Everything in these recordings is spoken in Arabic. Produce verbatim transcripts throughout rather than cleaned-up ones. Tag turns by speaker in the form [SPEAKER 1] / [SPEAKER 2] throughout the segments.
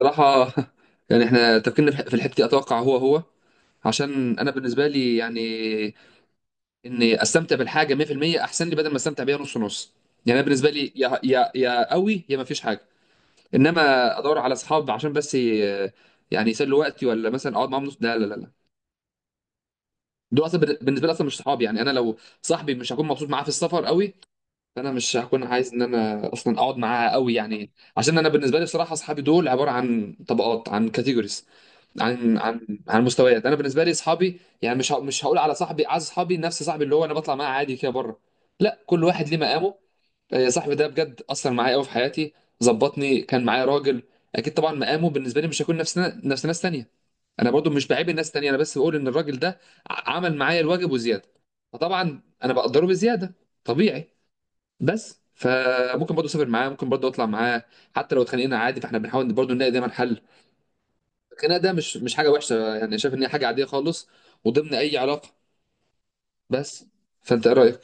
[SPEAKER 1] صراحة. يعني احنا تفكيرنا في في الحتة دي، اتوقع هو هو، عشان انا بالنسبة لي يعني اني استمتع بالحاجة مئة في المئة احسن لي، بدل ما استمتع بيها نص نص. يعني انا بالنسبة لي يا يا يا قوي يا ما فيش حاجة. انما ادور على اصحاب عشان بس ي- يعني يسلوا وقتي، ولا مثلا اقعد معاهم نص؟ لا لا لا لا. دول اصلا بال- بالنسبة لي اصلا مش صحابي، يعني انا لو صاحبي مش هكون مبسوط معاه في السفر قوي، فانا مش هكون عايز ان انا اصلا اقعد معاه قوي يعني. عشان انا بالنسبة لي بصراحة اصحابي دول عبارة عن طبقات، عن كاتيجوريز، عن عن عن مستويات. انا بالنسبه لي اصحابي، يعني مش ه- مش هقول على صاحبي، عايز اصحابي نفس صاحبي اللي هو انا بطلع معاه عادي كده بره. لا، كل واحد ليه مقامه. آه، صاحبي ده بجد اثر معايا قوي في حياتي، ظبطني، كان معايا راجل. اكيد طبعا مقامه بالنسبه لي مش هيكون نفس نفس ناس تانية. انا برضو مش بعيب الناس تانية، انا بس بقول ان الراجل ده ع- عمل معايا الواجب وزياده، فطبعا انا بقدره بزياده، طبيعي. بس فممكن برضو اسافر معاه، ممكن برضو اطلع معاه، حتى لو اتخانقنا عادي، فاحنا بنحاول برضو نلاقي دايما حل. الخناقه ده مش مش حاجه وحشه يعني، شايف ان هي حاجه عاديه خالص وضمن اي علاقه. بس فانت ايه رايك؟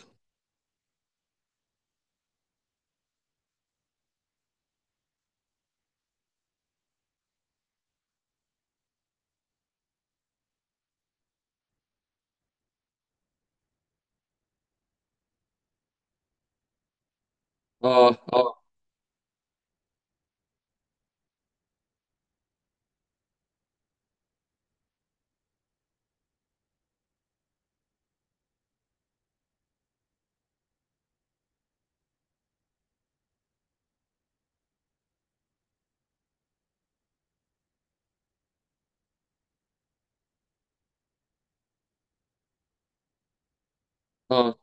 [SPEAKER 1] اه، اه، اه،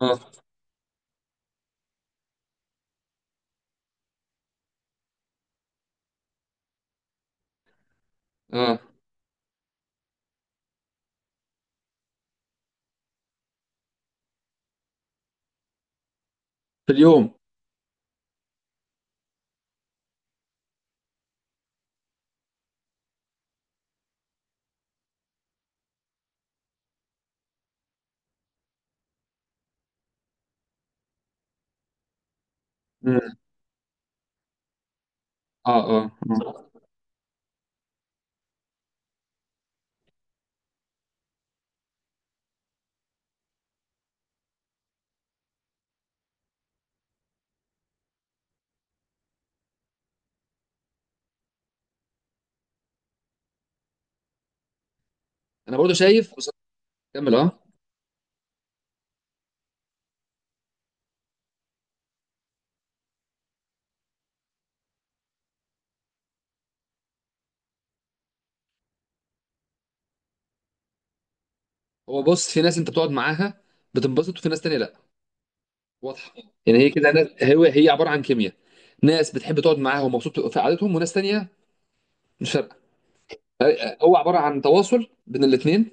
[SPEAKER 1] اه، اه. في اليوم. مم. اه، اه، آه. انا برضو شايف بص- كمل اه. هو بص، في ناس انت بتقعد معاها بتنبسط، وفي ناس تانية لا. واضحه. يعني هي كده ناس، هو هي عباره عن كيمياء، ناس بتحب تقعد معاها ومبسوط في قعدتهم، وناس تانية مش فارقه. هو عباره عن تواصل بين الاثنين،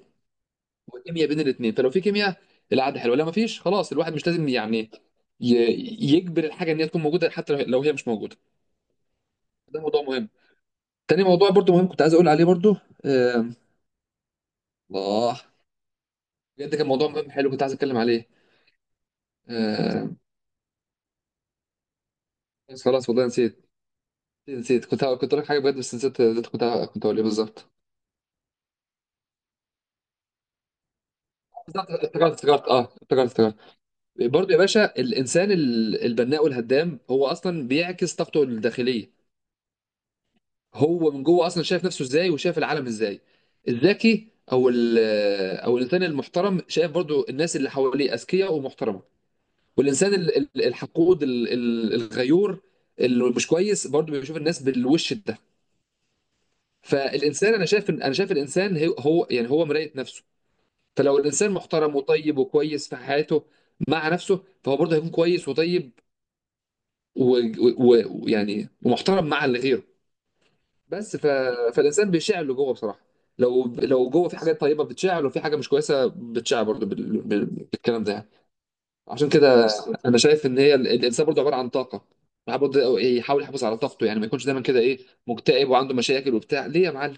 [SPEAKER 1] والكيمياء بين الاثنين، فلو في كيمياء العاده حلوه، لو ما فيش خلاص الواحد مش لازم يعني ي- يجبر الحاجه ان هي تكون موجوده، حتى لو لو هي مش موجوده. ده موضوع مهم. تاني موضوع برضو مهم كنت عايز اقول عليه برضو. آم، الله، بجد كان موضوع مهم حلو كنت عايز اتكلم عليه. آم، بس خلاص والله نسيت. نسيت، كنت كنت اقول لك حاجه بجد، بس نسيت اللي كنت كنت اقول ايه بالظبط. بالظبط، افتكرت افتكرت، اه افتكرت افتكرت. برضو يا باشا، الانسان ال- البناء والهدام هو اصلا بيعكس طاقته الداخليه. هو من جوه اصلا شايف نفسه ازاي، وشايف العالم ازاي. الذكي، او ال- او الانسان المحترم، شايف برضو الناس اللي حواليه اذكياء ومحترمه. والانسان ال- ال- الحقود، ال- ال- الغيور، اللي مش كويس، برضو بيشوف الناس بالوش ده. فالانسان، انا شايف انا شايف الانسان هي- هو يعني، هو مراية نفسه. فلو الانسان محترم وطيب وكويس في حياته مع نفسه، فهو برضه هيكون كويس وطيب، ويعني و... و... و- ويعني ومحترم مع اللي غيره. بس ف... فالانسان بيشعل اللي جوه بصراحه. لو لو جوه في حاجات طيبه، بتشعل، وفي حاجه مش كويسه، بتشعل برضه بال... بال... بالكلام ده يعني. عشان كده انا شايف ان هي ال- الانسان برضه عباره عن طاقه. الواحد برضه يحاول يحافظ على طاقته، يعني ما يكونش دايما كده، ايه، مكتئب وعنده مشاكل وبتاع. ليه يا معلم؟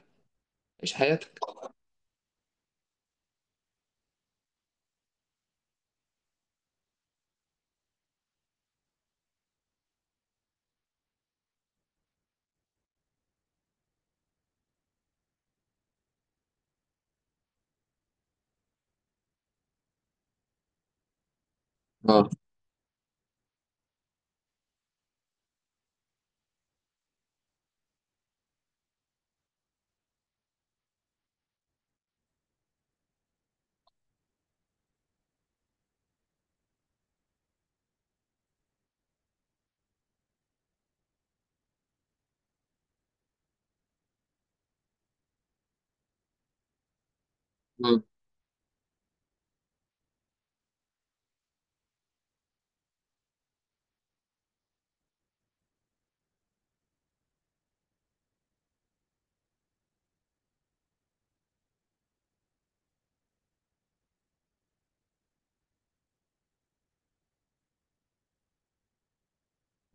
[SPEAKER 1] عيش حياتك. اه، اه،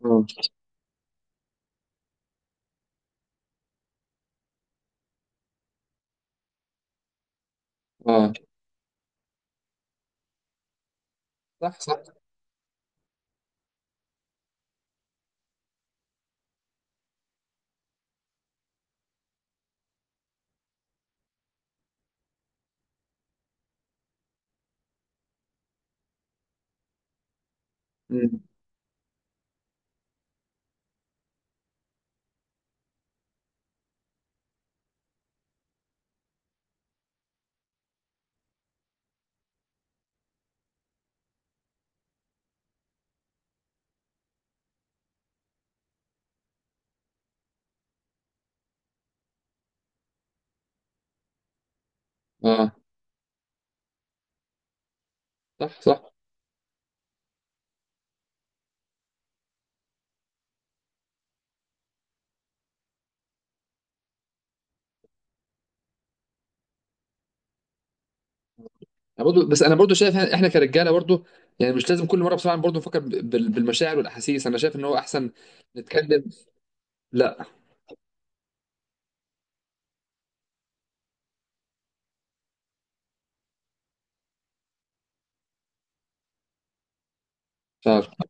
[SPEAKER 1] اه، آه. صح، صح. مم. اه، صح، صح. أنا برضو، بس انا برضو شايف احنا كرجاله برضو، يعني مش لازم كل مره بصراحه برضو نفكر بال- بالمشاعر والاحاسيس. انا شايف ان هو احسن نتكلم. لا. مش عارف.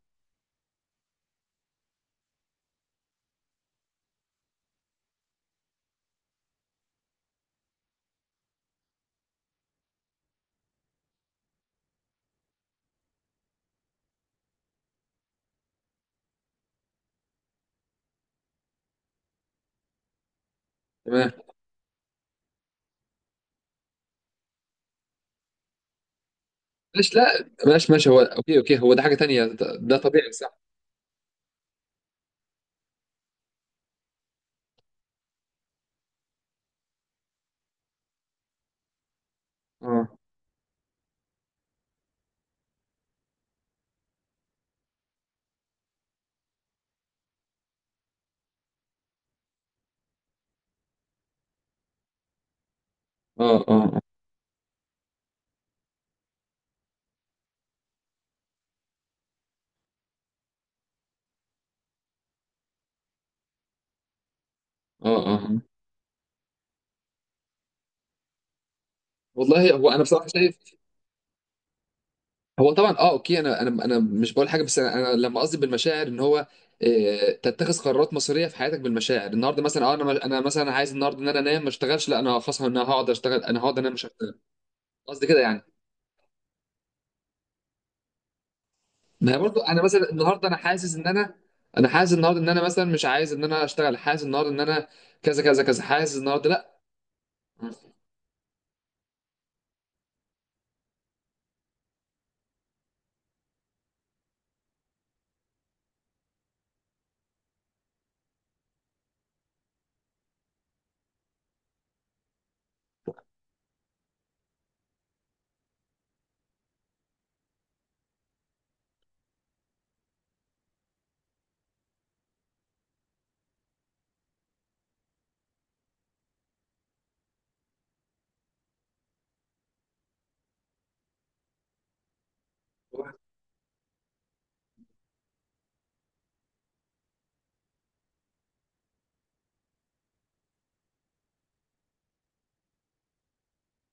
[SPEAKER 1] تمام. ماشي، لا، ماشي، ماشي. هو اوكي، اوكي، هو ده حاجة تانية، ده ده طبيعي صح. اه، اه، اه، اه، اه، آه. والله، هو انا بصراحة شايف. هو طبعا، اه، اوكي، انا انا انا مش بقول حاجة، بس انا أنا لما قصدي بالمشاعر ان هو آه، تتخذ قرارات مصيرية في حياتك بالمشاعر. النهارده مثلا، اه، انا انا مثلا عايز النهارده ان انا انام، ما اشتغلش. لا، انا خلاص انا هقعد اشتغل، انا هقعد انام مش هشتغل. قصدي كده يعني. ما هي برضو انا مثلا النهارده انا حاسس ان انا، انا حاسس النهارده ان انا مثلا مش عايز ان انا اشتغل، حاسس النهارده ان انا كذا كذا كذا، حاسس النهارده، لا. ان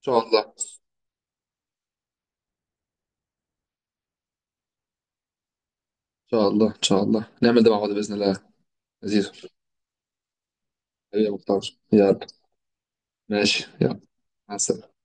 [SPEAKER 1] شاء الله، إن شاء الله، إن شاء الله نعمل ده مع بعض بإذن الله. لذيذ. حبيبي يا محتوى. يلا، ماشي يلا. مع السلامة.